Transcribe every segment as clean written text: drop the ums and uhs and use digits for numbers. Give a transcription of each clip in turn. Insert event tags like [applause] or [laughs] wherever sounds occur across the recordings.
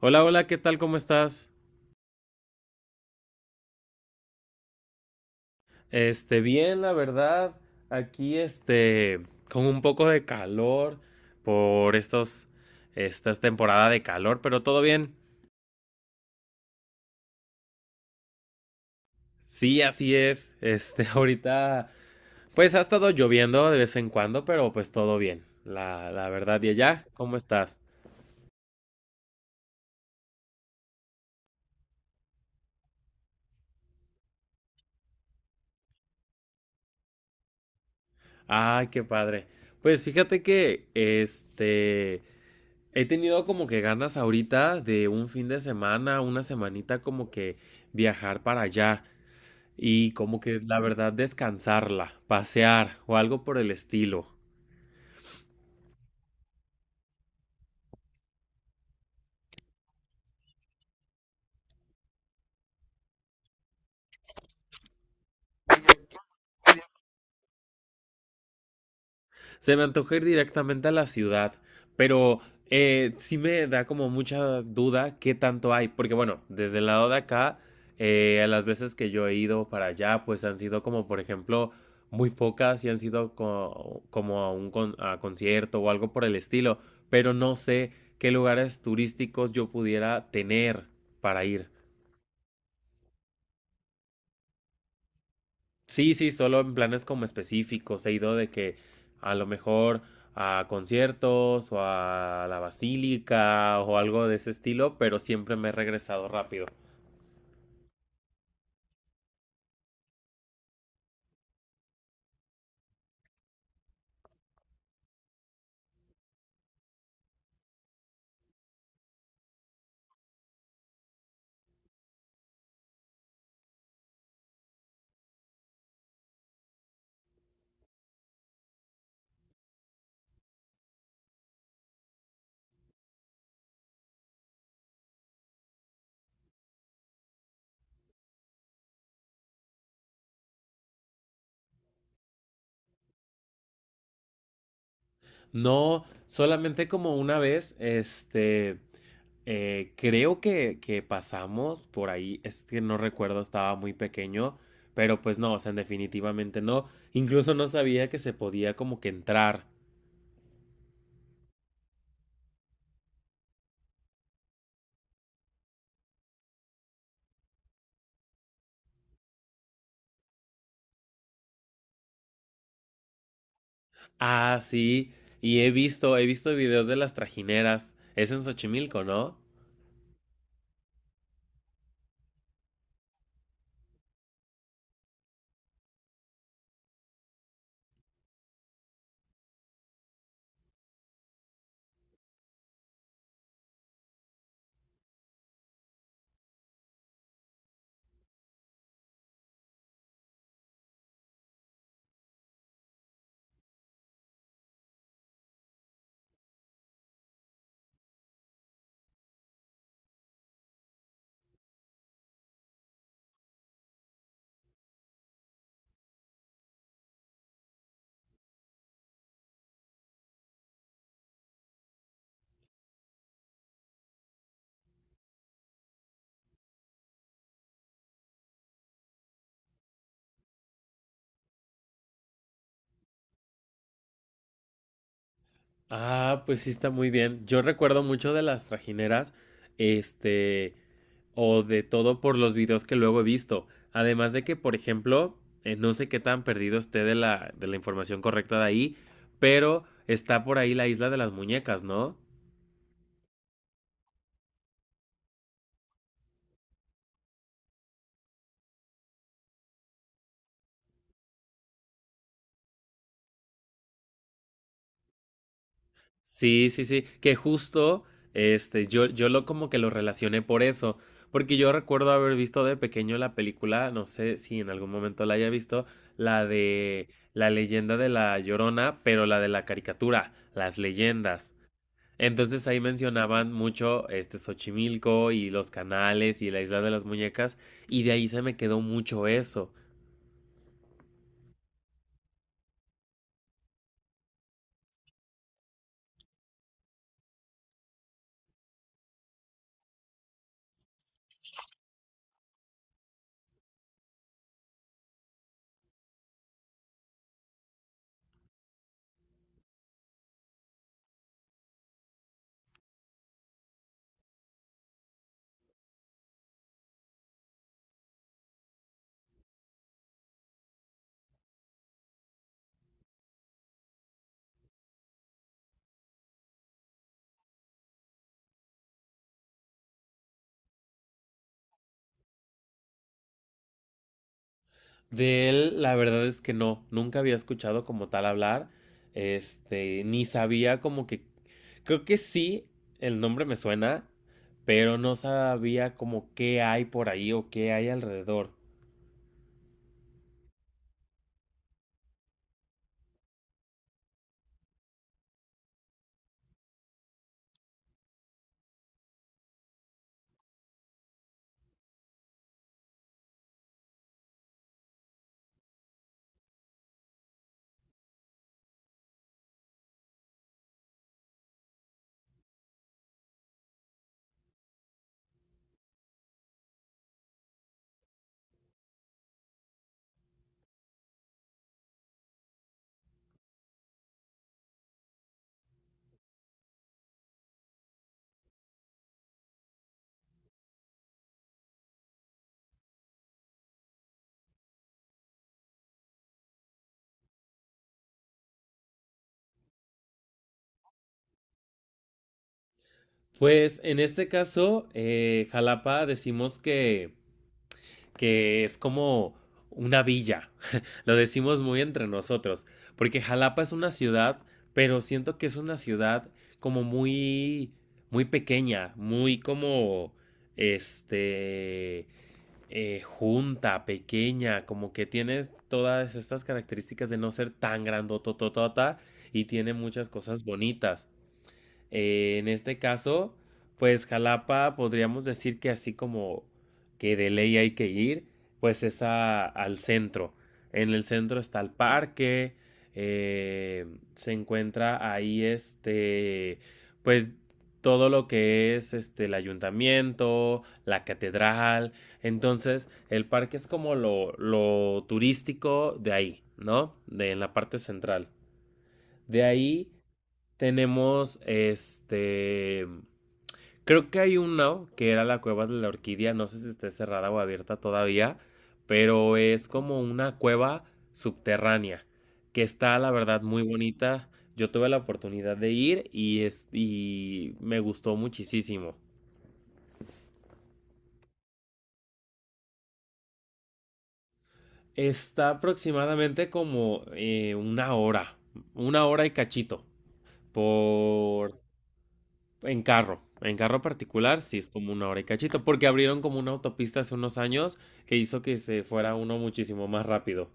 Hola, hola, ¿qué tal? ¿Cómo estás? Bien, la verdad, aquí con un poco de calor por estas temporada de calor, pero todo bien. Sí, así es. [laughs] Ahorita, pues ha estado lloviendo de vez en cuando, pero pues todo bien. La verdad, y allá, ¿cómo estás? Ay, qué padre. Pues fíjate que, he tenido como que ganas ahorita de un fin de semana, una semanita como que viajar para allá. Y como que la verdad descansarla, pasear o algo por el estilo. Se me antoja ir directamente a la ciudad, pero sí me da como mucha duda qué tanto hay, porque bueno, desde el lado de acá, las veces que yo he ido para allá, pues han sido como, por ejemplo, muy pocas y han sido como a a concierto o algo por el estilo, pero no sé qué lugares turísticos yo pudiera tener para ir. Sí, sí, solo en planes como específicos. He ido de que a lo mejor a conciertos o a la basílica o algo de ese estilo, pero siempre me he regresado rápido. No, solamente como una vez, creo que pasamos por ahí, es que no recuerdo, estaba muy pequeño, pero pues no, o sea, definitivamente no. Incluso no sabía que se podía como que entrar. Ah, sí. Y he visto videos de las trajineras. Es en Xochimilco, ¿no? Ah, pues sí está muy bien. Yo recuerdo mucho de las trajineras, este, o de todo por los videos que luego he visto. Además de que, por ejemplo, no sé qué tan perdido esté de la información correcta de ahí, pero está por ahí la isla de las muñecas, ¿no? Sí, sí, sí, que justo, yo lo como que lo relacioné por eso, porque yo recuerdo haber visto de pequeño la película, no sé si en algún momento la haya visto, la de la leyenda de la Llorona, pero la de la caricatura, las leyendas. Entonces ahí mencionaban mucho este Xochimilco y los canales y la isla de las muñecas, y de ahí se me quedó mucho eso. De él, la verdad es que no, nunca había escuchado como tal hablar, ni sabía como que, creo que sí, el nombre me suena, pero no sabía como qué hay por ahí o qué hay alrededor. Pues en este caso, Jalapa decimos que es como una villa. [laughs] Lo decimos muy entre nosotros, porque Jalapa es una ciudad, pero siento que es una ciudad como muy, muy pequeña, muy como, este, junta, pequeña, como que tiene todas estas características de no ser tan grandotototota y tiene muchas cosas bonitas. En este caso, pues Jalapa, podríamos decir que así como que de ley hay que ir, pues es al centro. En el centro está el parque, eh, se encuentra ahí pues todo lo que es este el ayuntamiento, la catedral. Entonces, el parque es como lo turístico de ahí, ¿no? De en la parte central. De ahí tenemos este. Creo que hay uno que era la cueva de la orquídea. No sé si esté cerrada o abierta todavía. Pero es como una cueva subterránea. Que está, la verdad, muy bonita. Yo tuve la oportunidad de ir y me gustó muchísimo. Está aproximadamente como una hora. Una hora y cachito. Por en carro, en carro particular sí es como una hora y cachito, porque abrieron como una autopista hace unos años que hizo que se fuera uno muchísimo más rápido.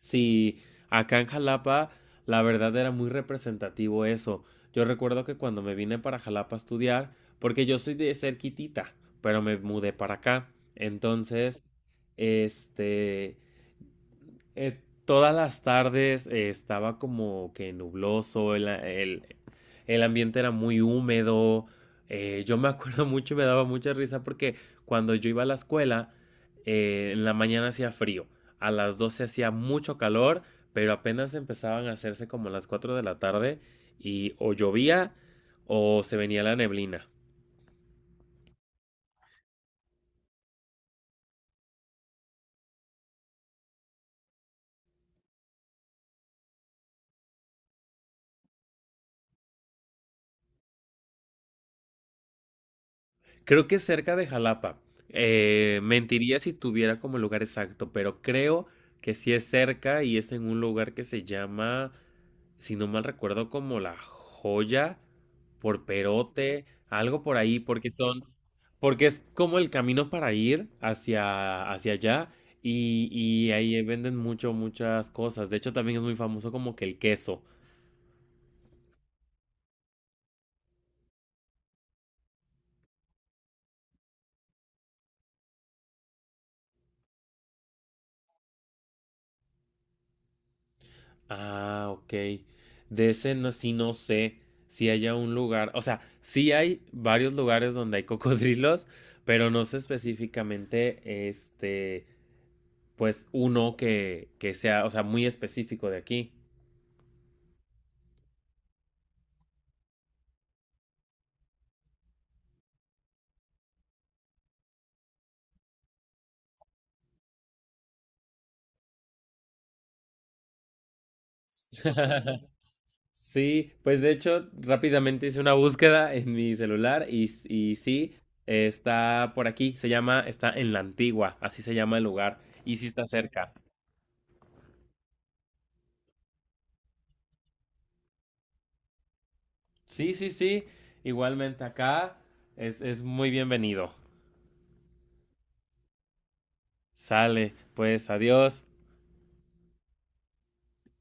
Sí, acá en Jalapa la verdad era muy representativo eso. Yo recuerdo que cuando me vine para Jalapa a estudiar, porque yo soy de cerquitita, pero me mudé para acá. Entonces, este, todas las tardes estaba como que nubloso, el ambiente era muy húmedo. Yo me [laughs] acuerdo mucho y me daba mucha risa porque cuando yo iba a la escuela, en la mañana hacía frío, a las 12 hacía mucho calor, pero apenas empezaban a hacerse como las 4 de la tarde y o llovía o se venía la neblina. Creo que es cerca de Jalapa. Mentiría si tuviera como lugar exacto, pero creo que sí es cerca y es en un lugar que se llama, si no mal recuerdo, como La Joya, por Perote, algo por ahí, porque son, porque es como el camino para ir hacia, hacia allá y ahí venden mucho, muchas cosas. De hecho, también es muy famoso como que el queso. Ah, ok. De ese no, sí no sé si haya un lugar, o sea, sí hay varios lugares donde hay cocodrilos, pero no sé específicamente, este, pues uno que sea, o sea, muy específico de aquí. [laughs] Sí, pues de hecho rápidamente hice una búsqueda en mi celular y sí, está por aquí, se llama, está en la antigua, así se llama el lugar, y sí está cerca. Sí, sí, sí. Igualmente acá es muy bienvenido. Sale, pues adiós.